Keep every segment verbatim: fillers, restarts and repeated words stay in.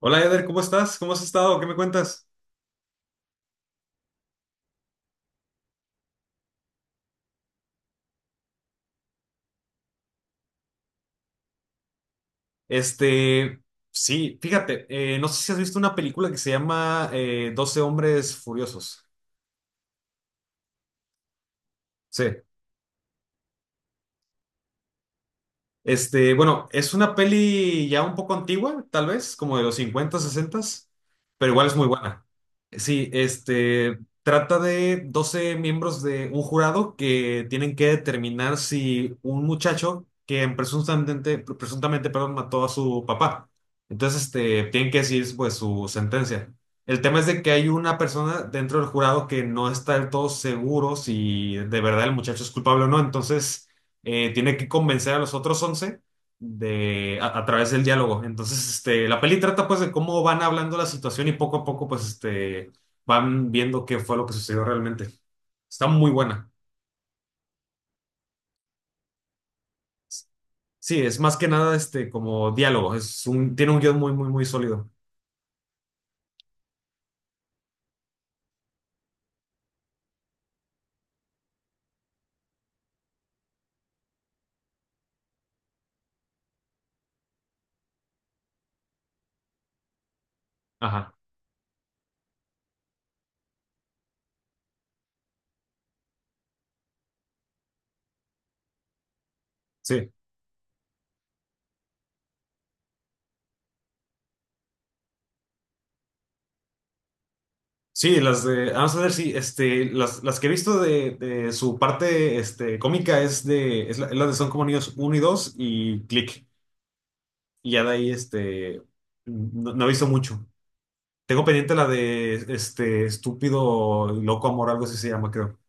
Hola Eder, ¿cómo estás? ¿Cómo has estado? ¿Qué me cuentas? Este, sí, fíjate, eh, no sé si has visto una película que se llama eh, doce hombres furiosos. Sí. Este, bueno, es una peli ya un poco antigua, tal vez, como de los cincuenta, sesenta, pero igual es muy buena. Sí, este, trata de doce miembros de un jurado que tienen que determinar si un muchacho que presuntamente, presuntamente, perdón, mató a su papá. Entonces, este, tienen que decir, pues, su sentencia. El tema es de que hay una persona dentro del jurado que no está del todo seguro si de verdad el muchacho es culpable o no, entonces eh, tiene que convencer a los otros once de, a, a través del diálogo. Entonces, este, la peli trata pues de cómo van hablando la situación y poco a poco pues este, van viendo qué fue lo que sucedió realmente. Está muy buena. Sí, es más que nada este, como diálogo. Es un, tiene un guión muy, muy, muy sólido. Ajá, sí. Sí, las de Adam Sandler, sí, este, las, las que he visto de, de su parte este, cómica es de, es la, es la de Son como niños uno y dos y Click. Y ya de ahí, este, no, no he visto mucho. Tengo pendiente la de este estúpido loco amor, algo así se llama, creo.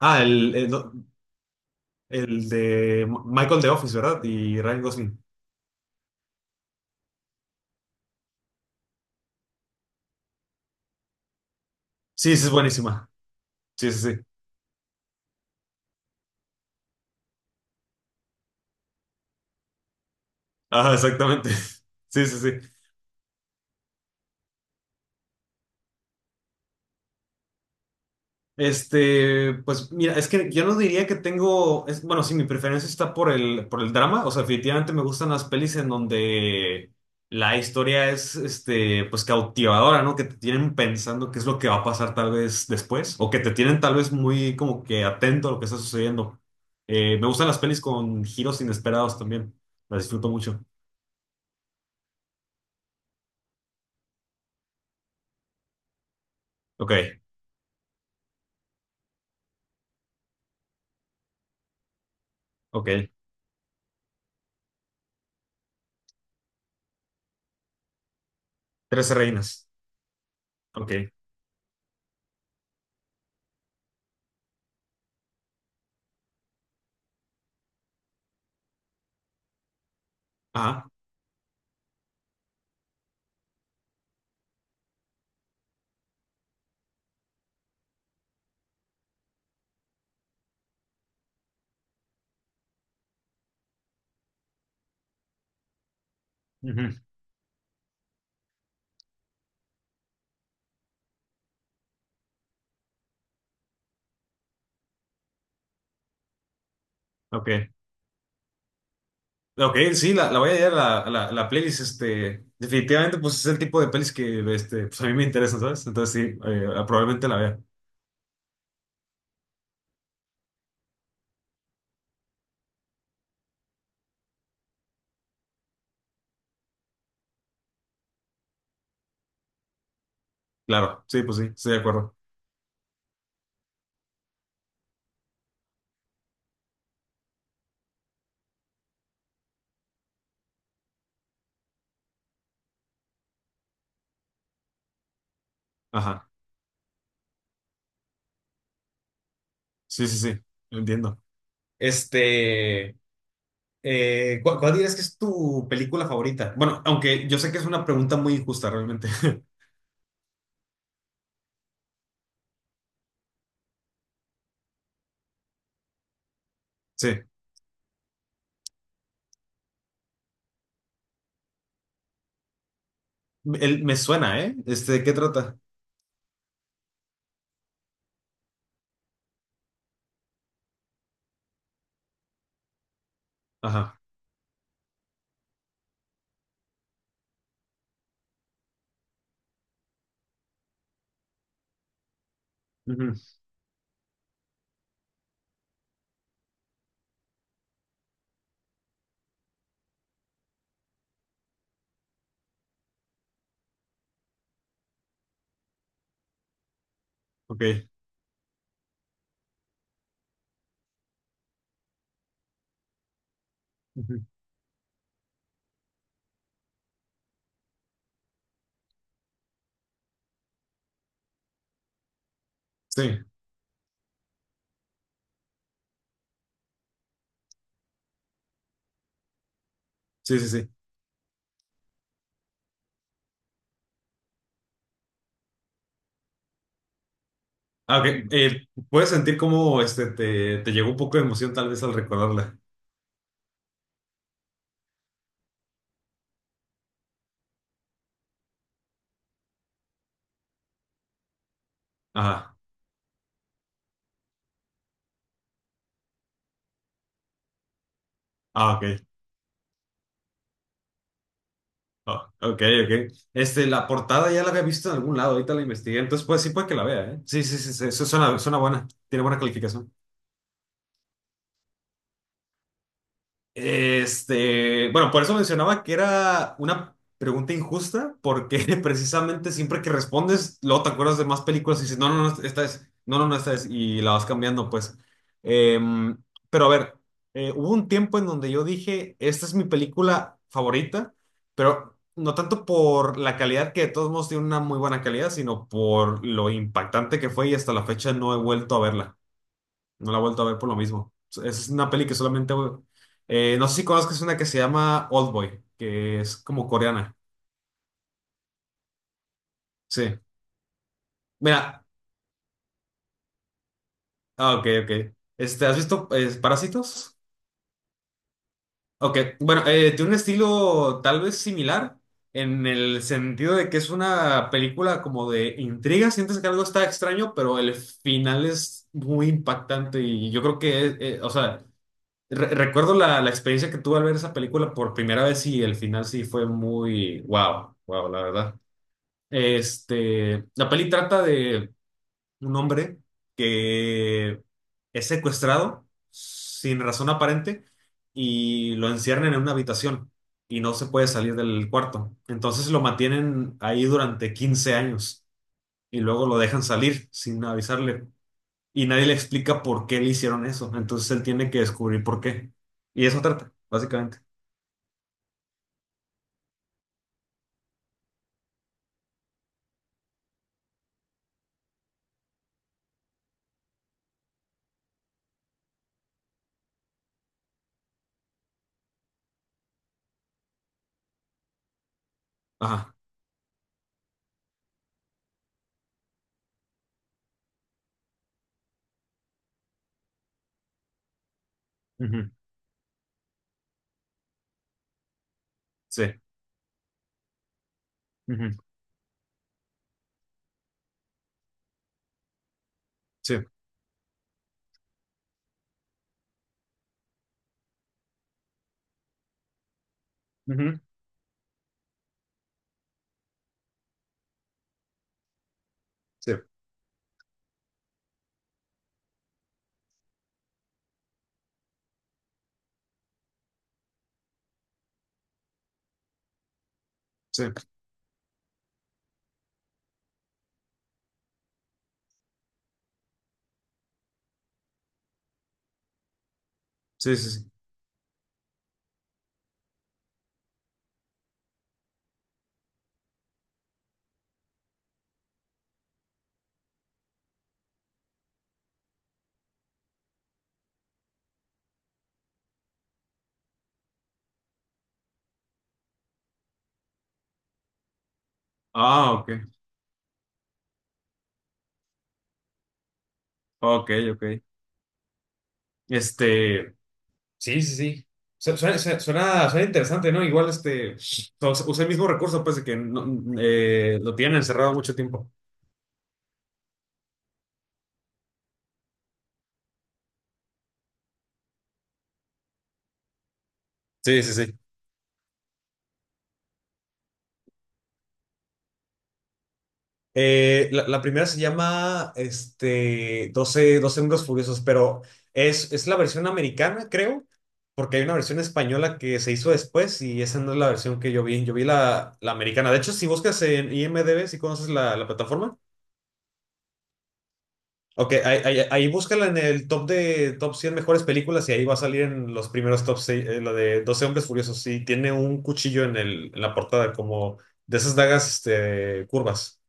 Ah, el, el, no, el de Michael de Office, ¿verdad? Y Ryan Gosling. Sí, sí, es buenísima. Sí, sí, sí. Ah, exactamente. Sí, sí, sí. Este, pues mira, es que yo no diría que tengo, es, bueno, sí, mi preferencia está por el, por el drama, o sea, definitivamente me gustan las pelis en donde la historia es, este, pues cautivadora, ¿no? Que te tienen pensando qué es lo que va a pasar tal vez después, o que te tienen tal vez muy como que atento a lo que está sucediendo. Eh, me gustan las pelis con giros inesperados también, las disfruto mucho. Ok, ok. Trece reinas. Ok. Ajá. Ujú, ok. Ok, sí, la, la voy a hallar la, la, la playlist, este, definitivamente, pues es el tipo de pelis que, este, pues a mí me interesan, ¿sabes? Entonces sí, eh, probablemente la vea. Claro, sí, pues sí, estoy de acuerdo. Ajá, sí, sí, sí, entiendo. Este, eh, ¿cu- ¿cuál, dirías que es tu película favorita? Bueno, aunque yo sé que es una pregunta muy injusta realmente. Sí, El- me suena, ¿eh? Este, ¿de qué trata? Ajá, ujú, ok, ujú, sí, sí, sí, sí. Ah, ok. Eh, puedes sentir cómo este, te, te llegó un poco de emoción tal vez al recordarla. Ajá. Ah, ok. Ah, ok, ok. Este, la portada ya la había visto en algún lado, ahorita la investigué, entonces pues sí puede que la vea, ¿eh? Sí, sí, sí, sí, eso suena, suena buena, tiene buena calificación. Este, bueno, por eso mencionaba que era una pregunta injusta, porque precisamente siempre que respondes, luego te acuerdas de más películas y dices, no, no, no, esta es, no, no, no, esta es, y la vas cambiando, pues. Em, pero a ver, eh, hubo un tiempo en donde yo dije, esta es mi película favorita, pero no tanto por la calidad, que de todos modos tiene una muy buena calidad, sino por lo impactante que fue y hasta la fecha no he vuelto a verla. No la he vuelto a ver por lo mismo. Es una peli que solamente... eh, no sé si conozcas una que se llama Oldboy, que es como coreana. Sí. Mira, ah, ok, ok. Este, ¿has visto eh, Parásitos? Ok, bueno, eh, tiene un estilo tal vez similar en el sentido de que es una película como de intriga. Sientes que algo está extraño, pero el final es muy impactante y yo creo que, eh, eh, o sea... Re- recuerdo la, la experiencia que tuve al ver esa película por primera vez y el final sí fue muy wow, wow, la verdad. Este, la peli trata de un hombre que es secuestrado sin razón aparente y lo encierran en una habitación y no se puede salir del cuarto. Entonces lo mantienen ahí durante quince años y luego lo dejan salir sin avisarle y nadie le explica por qué le hicieron eso. Entonces él tiene que descubrir por qué. Y eso trata, básicamente. Ajá. Ujú. Sí. Ujú. Sí. Ujú. Sí. Sí. Sí, sí, sí. Ah, ok. Ok, ok. Este. Sí, sí, sí. Su- Suena, suena, suena- suena interesante, ¿no? Igual este. O sea, usa el mismo recurso, pues, de que no- eh, lo tienen encerrado mucho tiempo. Sí, sí, sí. Eh, la, la primera se llama este, doce doce Hombres Furiosos, pero es, es la versión americana, creo, porque hay una versión española que se hizo después y esa no es la versión que yo vi. Yo vi la, la americana. De hecho, si buscas en I M D B, si conoces la, la plataforma, ok, ahí, ahí- ahí búscala en el top de top cien mejores películas y ahí va a salir en los primeros top seis eh, la de doce Hombres Furiosos. Y tiene un cuchillo en, el, en la portada, como de esas dagas este, curvas.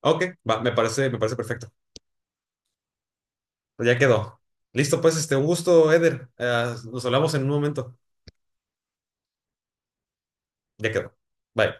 Ok, va, me parece, me parece perfecto. Pues ya quedó. Listo, pues, este, un gusto, Eder. Eh, nos hablamos en un momento. Ya quedó. Bye.